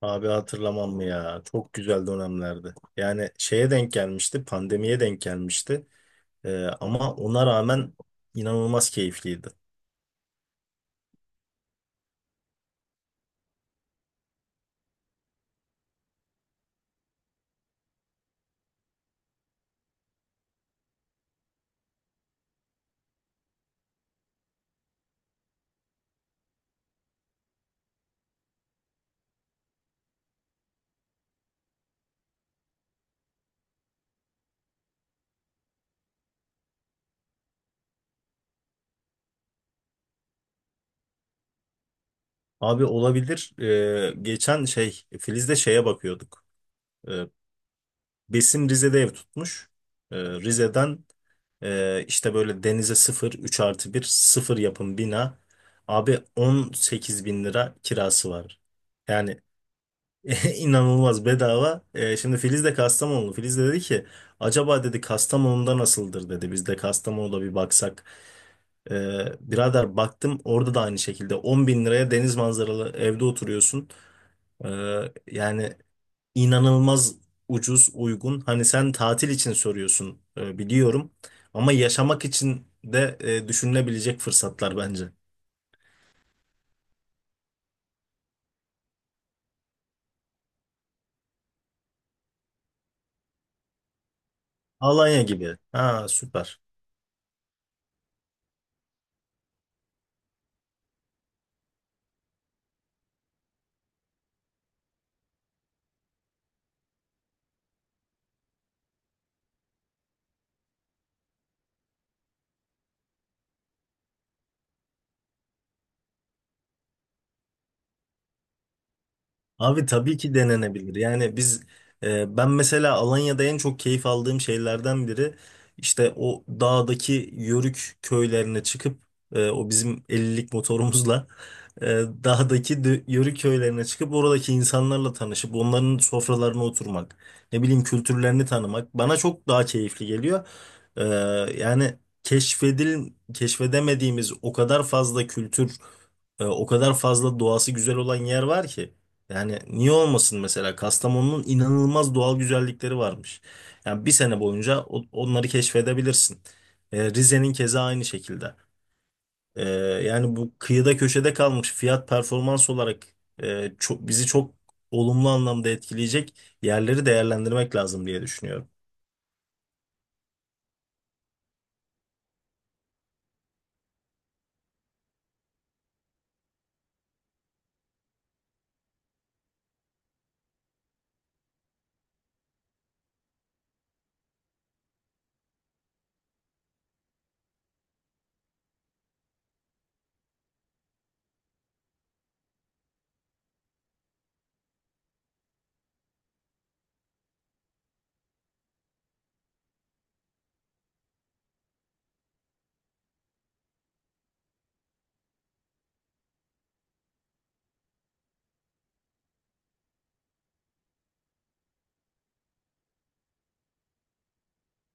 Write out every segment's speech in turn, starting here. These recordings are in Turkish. Abi hatırlamam mı ya? Çok güzel dönemlerdi. Yani şeye denk gelmişti, pandemiye denk gelmişti. Ama ona rağmen inanılmaz keyifliydi. Abi olabilir. Geçen şey Filiz'de şeye bakıyorduk. Ee, Besim Rize'de ev tutmuş. Rize'den işte böyle denize sıfır üç artı bir sıfır yapım bina. Abi 18.000 lira kirası var. Yani İnanılmaz bedava. Şimdi Filiz de Kastamonlu. Filiz de dedi ki acaba dedi Kastamonu'da nasıldır dedi. Biz de Kastamonu'da bir baksak. Birader baktım orada da aynı şekilde 10 bin liraya deniz manzaralı evde oturuyorsun. Ee, yani inanılmaz ucuz uygun. Hani sen tatil için soruyorsun, biliyorum. Ama yaşamak için de düşünülebilecek fırsatlar bence. Alanya gibi. Ha, süper. Abi tabii ki denenebilir. Yani biz, ben mesela Alanya'da en çok keyif aldığım şeylerden biri işte o dağdaki yörük köylerine çıkıp o bizim 50'lik motorumuzla e, dağdaki yörük köylerine çıkıp oradaki insanlarla tanışıp onların sofralarına oturmak, ne bileyim kültürlerini tanımak bana çok daha keyifli geliyor. E, yani keşfedemediğimiz o kadar fazla kültür, o kadar fazla doğası güzel olan yer var ki. Yani niye olmasın mesela Kastamonu'nun inanılmaz doğal güzellikleri varmış. Yani bir sene boyunca onları keşfedebilirsin. Rize'nin keza aynı şekilde. Ee, yani bu kıyıda köşede kalmış fiyat performans olarak, bizi çok olumlu anlamda etkileyecek yerleri değerlendirmek lazım diye düşünüyorum.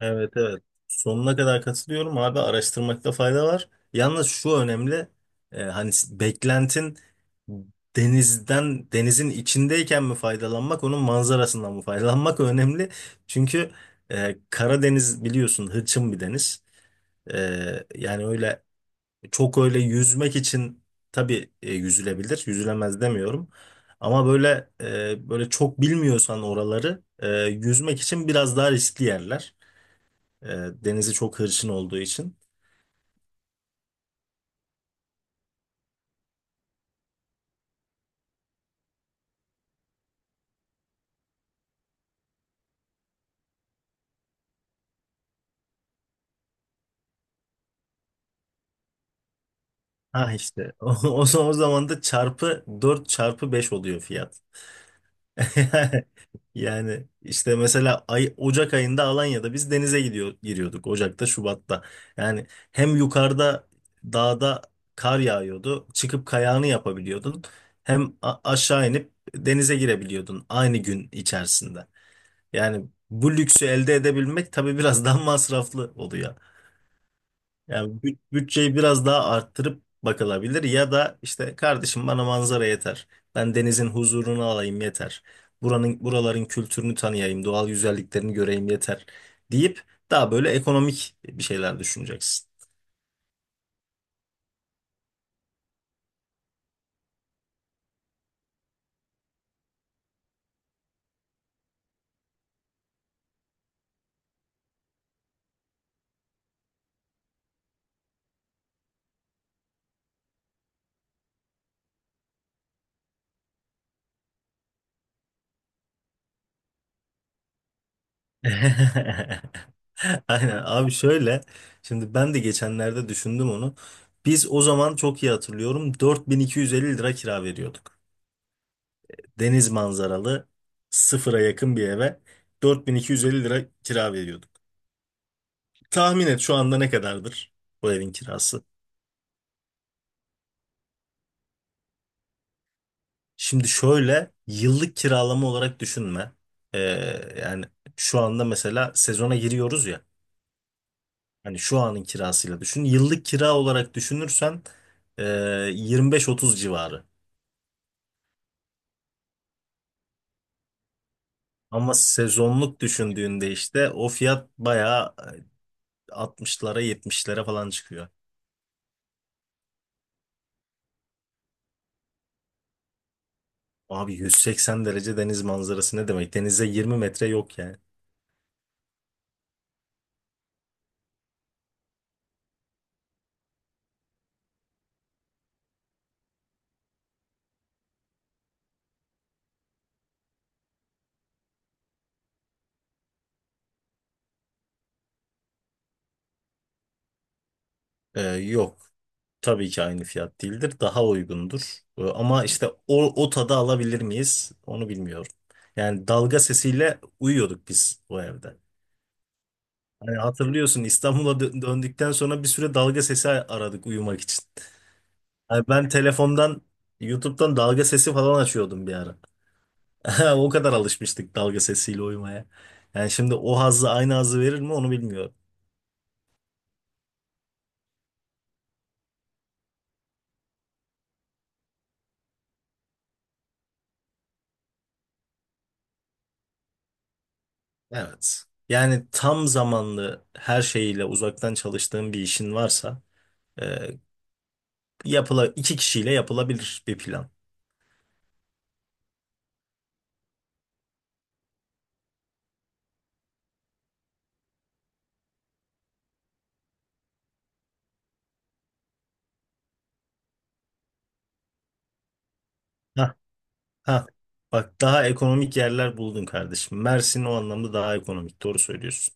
Evet, evet. Sonuna kadar katılıyorum abi, araştırmakta fayda var. Yalnız şu önemli: hani beklentin denizden denizin içindeyken mi faydalanmak onun manzarasından mı faydalanmak önemli. Çünkü Karadeniz biliyorsun hırçın bir deniz. E, yani öyle çok öyle yüzmek için tabii, yüzülebilir. Yüzülemez demiyorum. Ama böyle, çok bilmiyorsan oraları, yüzmek için biraz daha riskli yerler. E, denizi çok hırçın olduğu için. Ha işte o zaman da çarpı 4 çarpı 5 oluyor fiyat. Yani işte mesela Ocak ayında Alanya'da biz denize gidiyor giriyorduk Ocak'ta Şubat'ta. Yani hem yukarıda dağda kar yağıyordu. Çıkıp kayağını yapabiliyordun. Hem aşağı inip denize girebiliyordun aynı gün içerisinde. Yani bu lüksü elde edebilmek tabii biraz daha masraflı oluyor. Yani bütçeyi biraz daha arttırıp bakılabilir ya da işte kardeşim bana manzara yeter. Ben denizin huzurunu alayım yeter. Buranın buraların kültürünü tanıyayım, doğal güzelliklerini göreyim yeter deyip daha böyle ekonomik bir şeyler düşüneceksin. Aynen abi, şöyle şimdi ben de geçenlerde düşündüm onu. Biz o zaman, çok iyi hatırlıyorum, 4250 lira kira veriyorduk. Deniz manzaralı sıfıra yakın bir eve 4250 lira kira veriyorduk. Tahmin et şu anda ne kadardır bu evin kirası? Şimdi şöyle yıllık kiralama olarak düşünme. Ee, yani şu anda mesela sezona giriyoruz ya. Hani şu anın kirasıyla düşün. Yıllık kira olarak düşünürsen ee, 25-30 civarı. Ama sezonluk düşündüğünde işte o fiyat bayağı, 60'lara 70'lere falan çıkıyor. Abi 180 derece deniz manzarası ne demek? Denize 20 metre yok yani. Yok. Tabii ki aynı fiyat değildir. Daha uygundur. Ama işte o tadı alabilir miyiz? Onu bilmiyorum. Yani dalga sesiyle uyuyorduk biz o evde. Hani hatırlıyorsun, İstanbul'a döndükten sonra bir süre dalga sesi aradık uyumak için. Yani ben telefondan, YouTube'dan dalga sesi falan açıyordum bir ara. O kadar alışmıştık dalga sesiyle uyumaya. Yani şimdi o hazzı, aynı hazzı verir mi, onu bilmiyorum. Evet. Yani tam zamanlı her şeyiyle uzaktan çalıştığın bir işin varsa, e, yapıla iki kişiyle yapılabilir bir plan. Ha, ha. Bak daha ekonomik yerler buldun kardeşim. Mersin o anlamda daha ekonomik. Doğru söylüyorsun.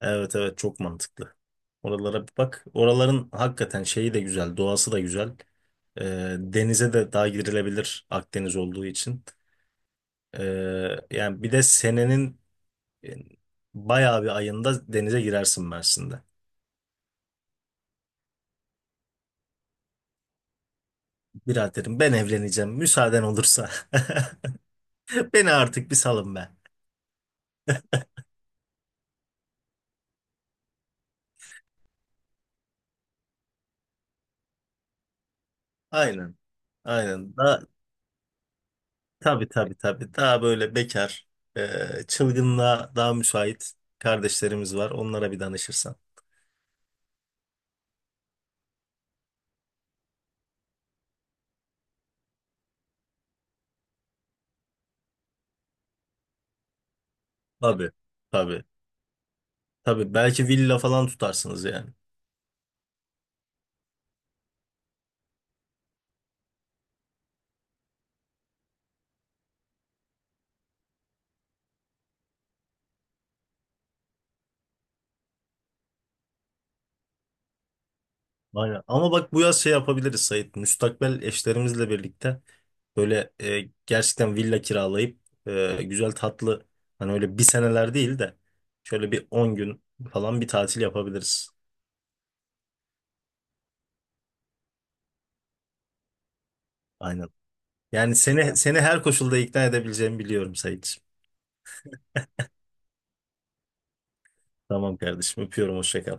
Evet, evet, çok mantıklı. Oralara bir bak. Oraların hakikaten şeyi de güzel, doğası da güzel. E, denize de daha girilebilir Akdeniz olduğu için. E, yani bir de senenin, e, bayağı bir ayında denize girersin Mersin'de. Biraderim ben evleneceğim müsaaden olursa. Beni artık bir salın be. Aynen. Aynen. Tabii, tabii, tabii. Daha böyle bekar, e, çılgınlığa daha müsait kardeşlerimiz var. Onlara bir danışırsan. Tabii. Tabii. Tabii. Belki villa falan tutarsınız yani. Aynen. Ama bak bu yaz şey yapabiliriz Sait. Müstakbel eşlerimizle birlikte böyle, gerçekten villa kiralayıp, güzel tatlı, hani öyle bir seneler değil de şöyle bir 10 gün falan bir tatil yapabiliriz. Aynen. Yani seni her koşulda ikna edebileceğimi biliyorum Sait. Tamam kardeşim, öpüyorum, hoşça kal.